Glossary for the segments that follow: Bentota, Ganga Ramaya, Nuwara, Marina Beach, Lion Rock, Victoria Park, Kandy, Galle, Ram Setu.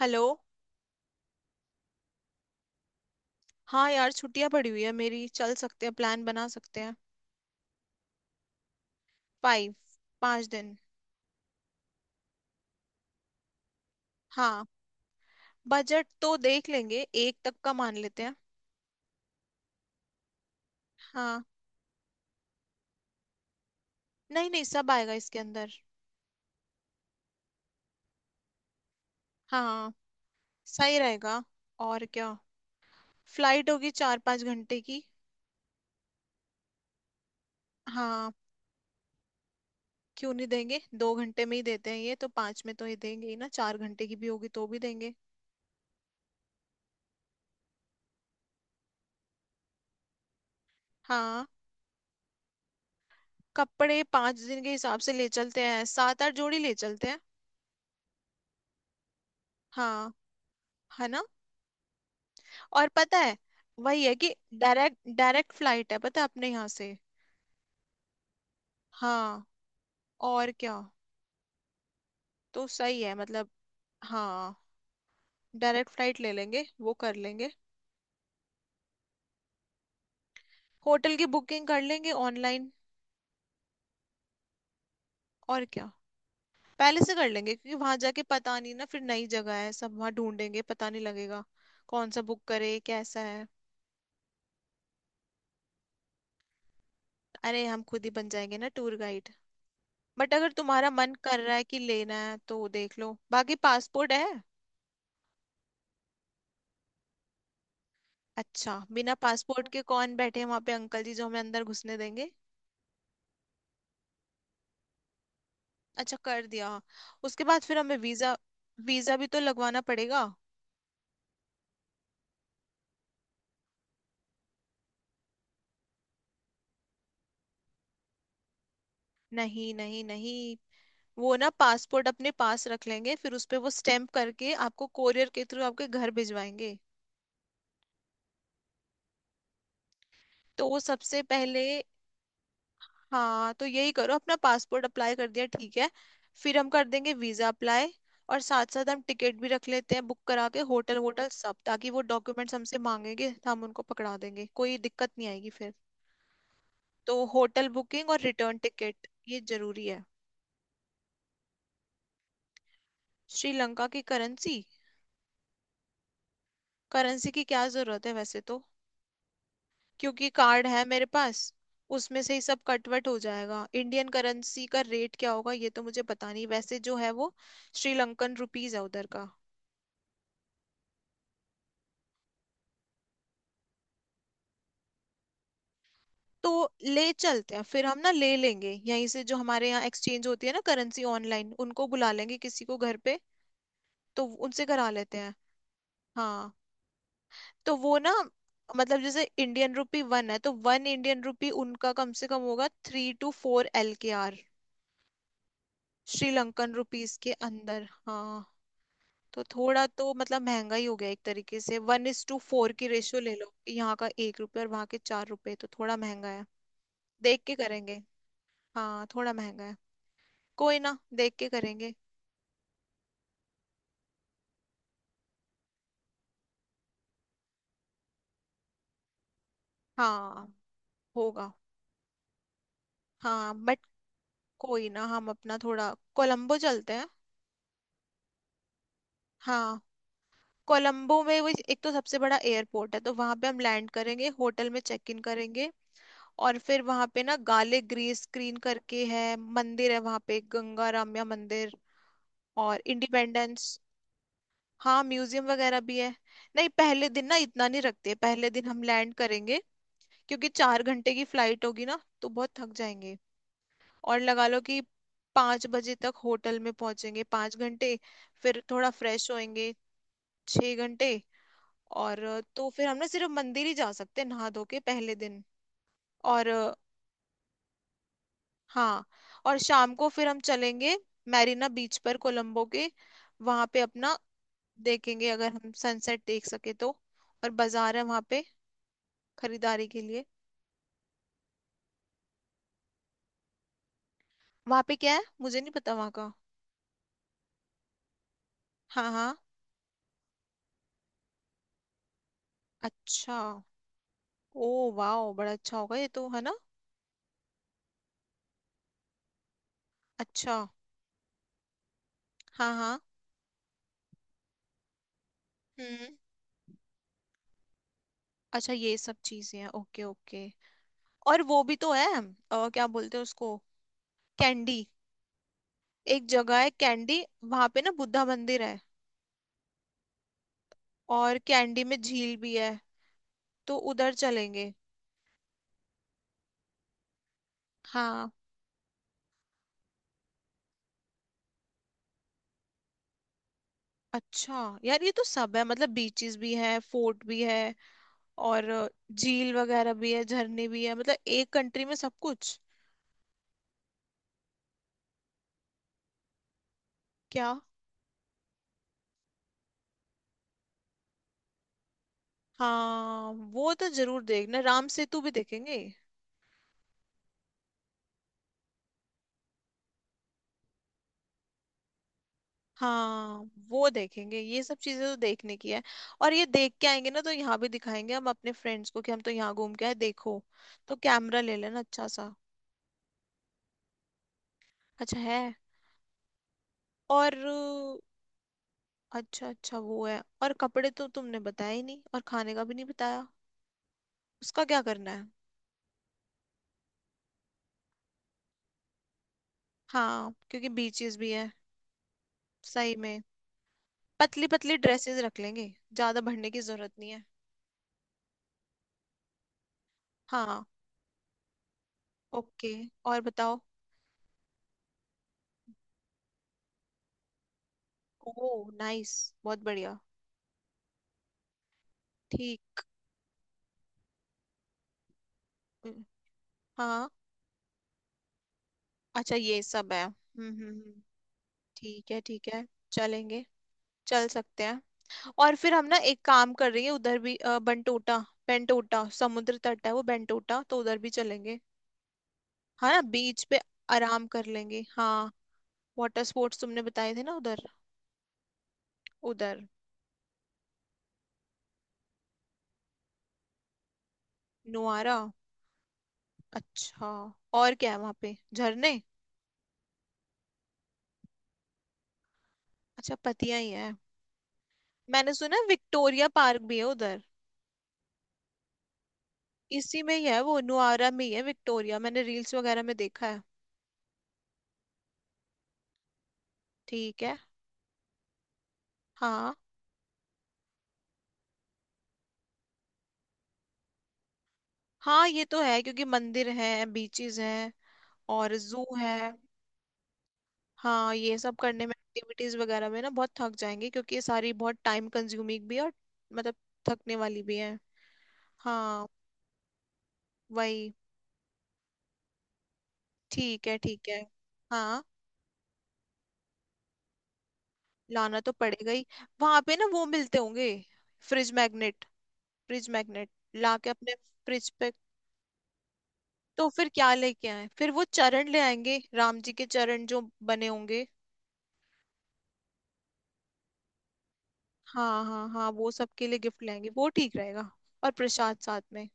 Hello. हाँ यार, छुट्टियां पड़ी हुई है मेरी, चल सकते हैं, प्लान बना सकते हैं। फाइव। पाँच दिन। हाँ, बजट तो देख लेंगे, एक तक का मान लेते हैं। हाँ, नहीं नहीं, सब आएगा इसके अंदर। हाँ, सही रहेगा। और क्या। फ्लाइट होगी चार पाँच घंटे की। हाँ, क्यों नहीं देंगे, दो घंटे में ही देते हैं ये तो, पाँच में तो ये देंगे ही ना, चार घंटे की भी होगी तो भी देंगे। हाँ, कपड़े पाँच दिन के हिसाब से ले चलते हैं, सात आठ जोड़ी ले चलते हैं। हाँ, है ना। और पता है, वही है कि, डायरेक्ट डायरेक्ट फ्लाइट है पता है अपने यहाँ से। हाँ, और क्या, तो सही है मतलब। हाँ, डायरेक्ट फ्लाइट ले लेंगे, वो कर लेंगे। होटल की बुकिंग कर लेंगे ऑनलाइन। और क्या, पहले से कर लेंगे क्योंकि वहां जाके पता नहीं ना, फिर नई जगह है, सब वहां ढूंढेंगे, पता नहीं लगेगा कौन सा बुक करे, कैसा है। अरे हम खुद ही बन जाएंगे ना टूर गाइड। बट अगर तुम्हारा मन कर रहा है कि लेना है तो देख लो, बाकी पासपोर्ट है। अच्छा, बिना पासपोर्ट के कौन बैठे हैं वहां पे अंकल जी जो हमें अंदर घुसने देंगे। अच्छा कर दिया। उसके बाद फिर हमें वीजा, वीजा भी तो लगवाना पड़ेगा। नहीं नहीं नहीं, वो ना पासपोर्ट अपने पास रख लेंगे, फिर उस पे वो स्टैम्प करके आपको कोरियर के थ्रू आपके घर भिजवाएंगे। तो वो सबसे पहले। हाँ तो यही करो, अपना पासपोर्ट अप्लाई कर दिया, ठीक है। फिर हम कर देंगे वीजा अप्लाई, और साथ साथ हम टिकट भी रख लेते हैं बुक करा के, होटल वोटल सब, ताकि वो डॉक्यूमेंट्स हमसे मांगेंगे तो हम उनको पकड़ा देंगे, कोई दिक्कत नहीं आएगी फिर। तो होटल बुकिंग और रिटर्न टिकट ये जरूरी है। श्रीलंका की करेंसी, करेंसी की क्या जरूरत है वैसे तो, क्योंकि कार्ड है मेरे पास, उसमें से ही सब कटवट हो जाएगा। इंडियन करेंसी का रेट क्या होगा ये तो मुझे पता नहीं, वैसे जो है वो श्रीलंकन रुपीज है उधर का। तो ले चलते हैं फिर, हम ना ले लेंगे यहीं से, जो हमारे यहाँ एक्सचेंज होती है ना करेंसी ऑनलाइन, उनको बुला लेंगे किसी को घर पे, तो उनसे करा लेते हैं। हाँ, तो वो ना, मतलब जैसे इंडियन रुपी वन है तो वन इंडियन रुपी उनका कम से कम होगा three two four L K R, Sri Lankan rupees के अंदर। हाँ, तो थोड़ा तो मतलब महंगा ही हो गया एक तरीके से, वन इज टू फोर की रेशियो ले लो, यहाँ का एक रुपये और वहाँ के चार रुपए, तो थोड़ा महंगा है। देख के करेंगे। हाँ, थोड़ा महंगा है, कोई ना, देख के करेंगे। हाँ, होगा। हाँ, बट कोई ना, हम अपना थोड़ा, कोलंबो चलते हैं। हाँ, कोलंबो में वो एक तो सबसे बड़ा एयरपोर्ट है, तो वहां पे हम लैंड करेंगे, होटल में चेक इन करेंगे। और फिर वहां पे ना गाले ग्रीस स्क्रीन करके है, मंदिर है वहां पे, गंगा रामया मंदिर, और इंडिपेंडेंस। हाँ, म्यूजियम वगैरह भी है। नहीं, पहले दिन ना इतना नहीं रखते, पहले दिन हम लैंड करेंगे क्योंकि चार घंटे की फ्लाइट होगी ना, तो बहुत थक जाएंगे। और लगा लो कि पाँच बजे तक होटल में पहुंचेंगे, पाँच घंटे। फिर थोड़ा फ्रेश होएंगे, छः घंटे। और तो फिर हम ना सिर्फ मंदिर ही जा सकते हैं नहा धो के, पहले दिन। और हाँ, और शाम को फिर हम चलेंगे मैरीना बीच पर, कोलंबो के, वहां पे अपना देखेंगे अगर हम सनसेट देख सके तो। और बाजार है वहां पे खरीदारी के लिए। वहां पे क्या है मुझे नहीं पता वहां का। हाँ हाँ। अच्छा। ओ, वाह, बड़ा अच्छा होगा ये तो, है ना। अच्छा। हाँ हाँ। हम्म, अच्छा, ये सब चीजें हैं, ओके ओके। और वो भी तो है, क्या बोलते हैं उसको, कैंडी। एक जगह है कैंडी, वहां पे ना बुद्धा मंदिर है। और कैंडी में झील भी है, तो उधर चलेंगे। हाँ। अच्छा यार, ये तो सब है मतलब, बीचेस भी है, फोर्ट भी है, और झील वगैरह भी है, झरने भी है, मतलब एक कंट्री में सब कुछ। क्या। हाँ वो तो जरूर देखना, राम सेतु भी देखेंगे। हाँ वो देखेंगे, ये सब चीजें तो देखने की है। और ये देख के आएंगे ना, तो यहाँ भी दिखाएंगे हम अपने फ्रेंड्स को, कि हम तो यहाँ घूम के आए देखो। तो कैमरा ले लेना अच्छा सा। अच्छा है। और अ, अच्छा अच्छा वो है। और कपड़े तो तुमने बताया ही नहीं, और खाने का भी नहीं बताया, उसका क्या करना है। हाँ, क्योंकि बीचेस भी है। सही में, पतली पतली ड्रेसेस रख लेंगे, ज्यादा भरने की जरूरत नहीं है। हाँ। ओके, और बताओ। ओ नाइस, बहुत बढ़िया। ठीक। हम्म, हाँ, अच्छा, ये सब है। ठीक है ठीक है। चलेंगे, चल सकते हैं। और फिर हम ना एक काम कर रही है, उधर भी बंटोटा, बेंटोटा समुद्र तट है वो, बेंटोटा तो उधर भी चलेंगे। हाँ ना, बीच पे आराम कर लेंगे। हाँ, वाटर स्पोर्ट्स तुमने बताए थे ना उधर। उधर। नुआरा। अच्छा। और क्या है वहां पे, झरने। अच्छा, पतिया ही है। मैंने सुना विक्टोरिया पार्क भी है उधर। इसी में ही है वो, नुआरा में ही है विक्टोरिया, मैंने रील्स वगैरह में देखा है। ठीक है। हाँ। हाँ, ये तो है क्योंकि मंदिर हैं, बीचेस हैं, और जू है। हाँ, ये सब करने में, एक्टिविटीज वगैरह में ना बहुत थक जाएंगे, क्योंकि ये सारी बहुत टाइम कंज्यूमिंग भी है, और मतलब, थकने वाली भी है। हाँ, वही। ठीक है ठीक है। हाँ, लाना तो पड़ेगा ही। वहां पे ना वो मिलते होंगे, फ्रिज मैग्नेट। फ्रिज मैग्नेट ला के अपने फ्रिज पे। तो फिर क्या लेके आए, फिर वो चरण ले आएंगे, राम जी के चरण जो बने होंगे। हाँ हाँ हाँ, वो सबके लिए गिफ्ट लाएंगे, वो ठीक रहेगा। और प्रसाद साथ में।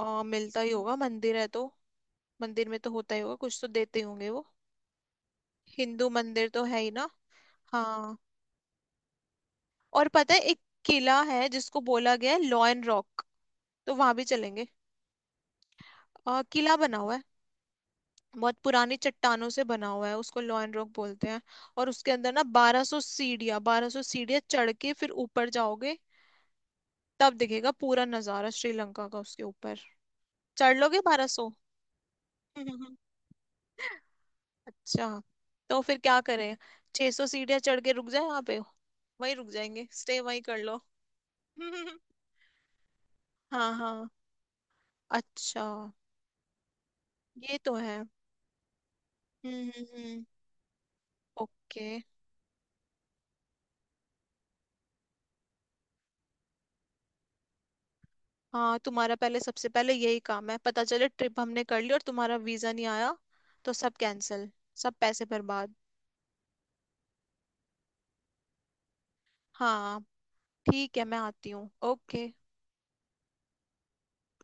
मिलता ही होगा, मंदिर है तो, मंदिर में तो होता ही होगा, कुछ तो देते ही होंगे वो। हिंदू मंदिर तो है ही ना। हाँ। और पता है, एक किला है जिसको बोला गया है लॉयन रॉक, तो वहां भी चलेंगे। किला बना हुआ है, बहुत पुरानी चट्टानों से बना हुआ है, उसको लॉयन रॉक बोलते हैं। और उसके अंदर ना बारह सौ सीढ़ियाँ, बारह सौ सीढ़ियाँ चढ़ के फिर ऊपर जाओगे, तब दिखेगा पूरा नजारा श्रीलंका का उसके ऊपर। चढ़ लोगे बारह सौ। अच्छा, तो फिर क्या करें, 600 सौ सीढ़ियाँ चढ़ के रुक जाए वहां पे, वहीं रुक जाएंगे, स्टे वहीं कर लो। हाँ हाँ, अच्छा, ये तो है। हम्म। ओके। हाँ, तुम्हारा पहले, सबसे पहले यही काम है, पता चले ट्रिप हमने कर ली और तुम्हारा वीजा नहीं आया, तो सब कैंसिल, सब पैसे बर्बाद। हाँ ठीक है, मैं आती हूँ, ओके।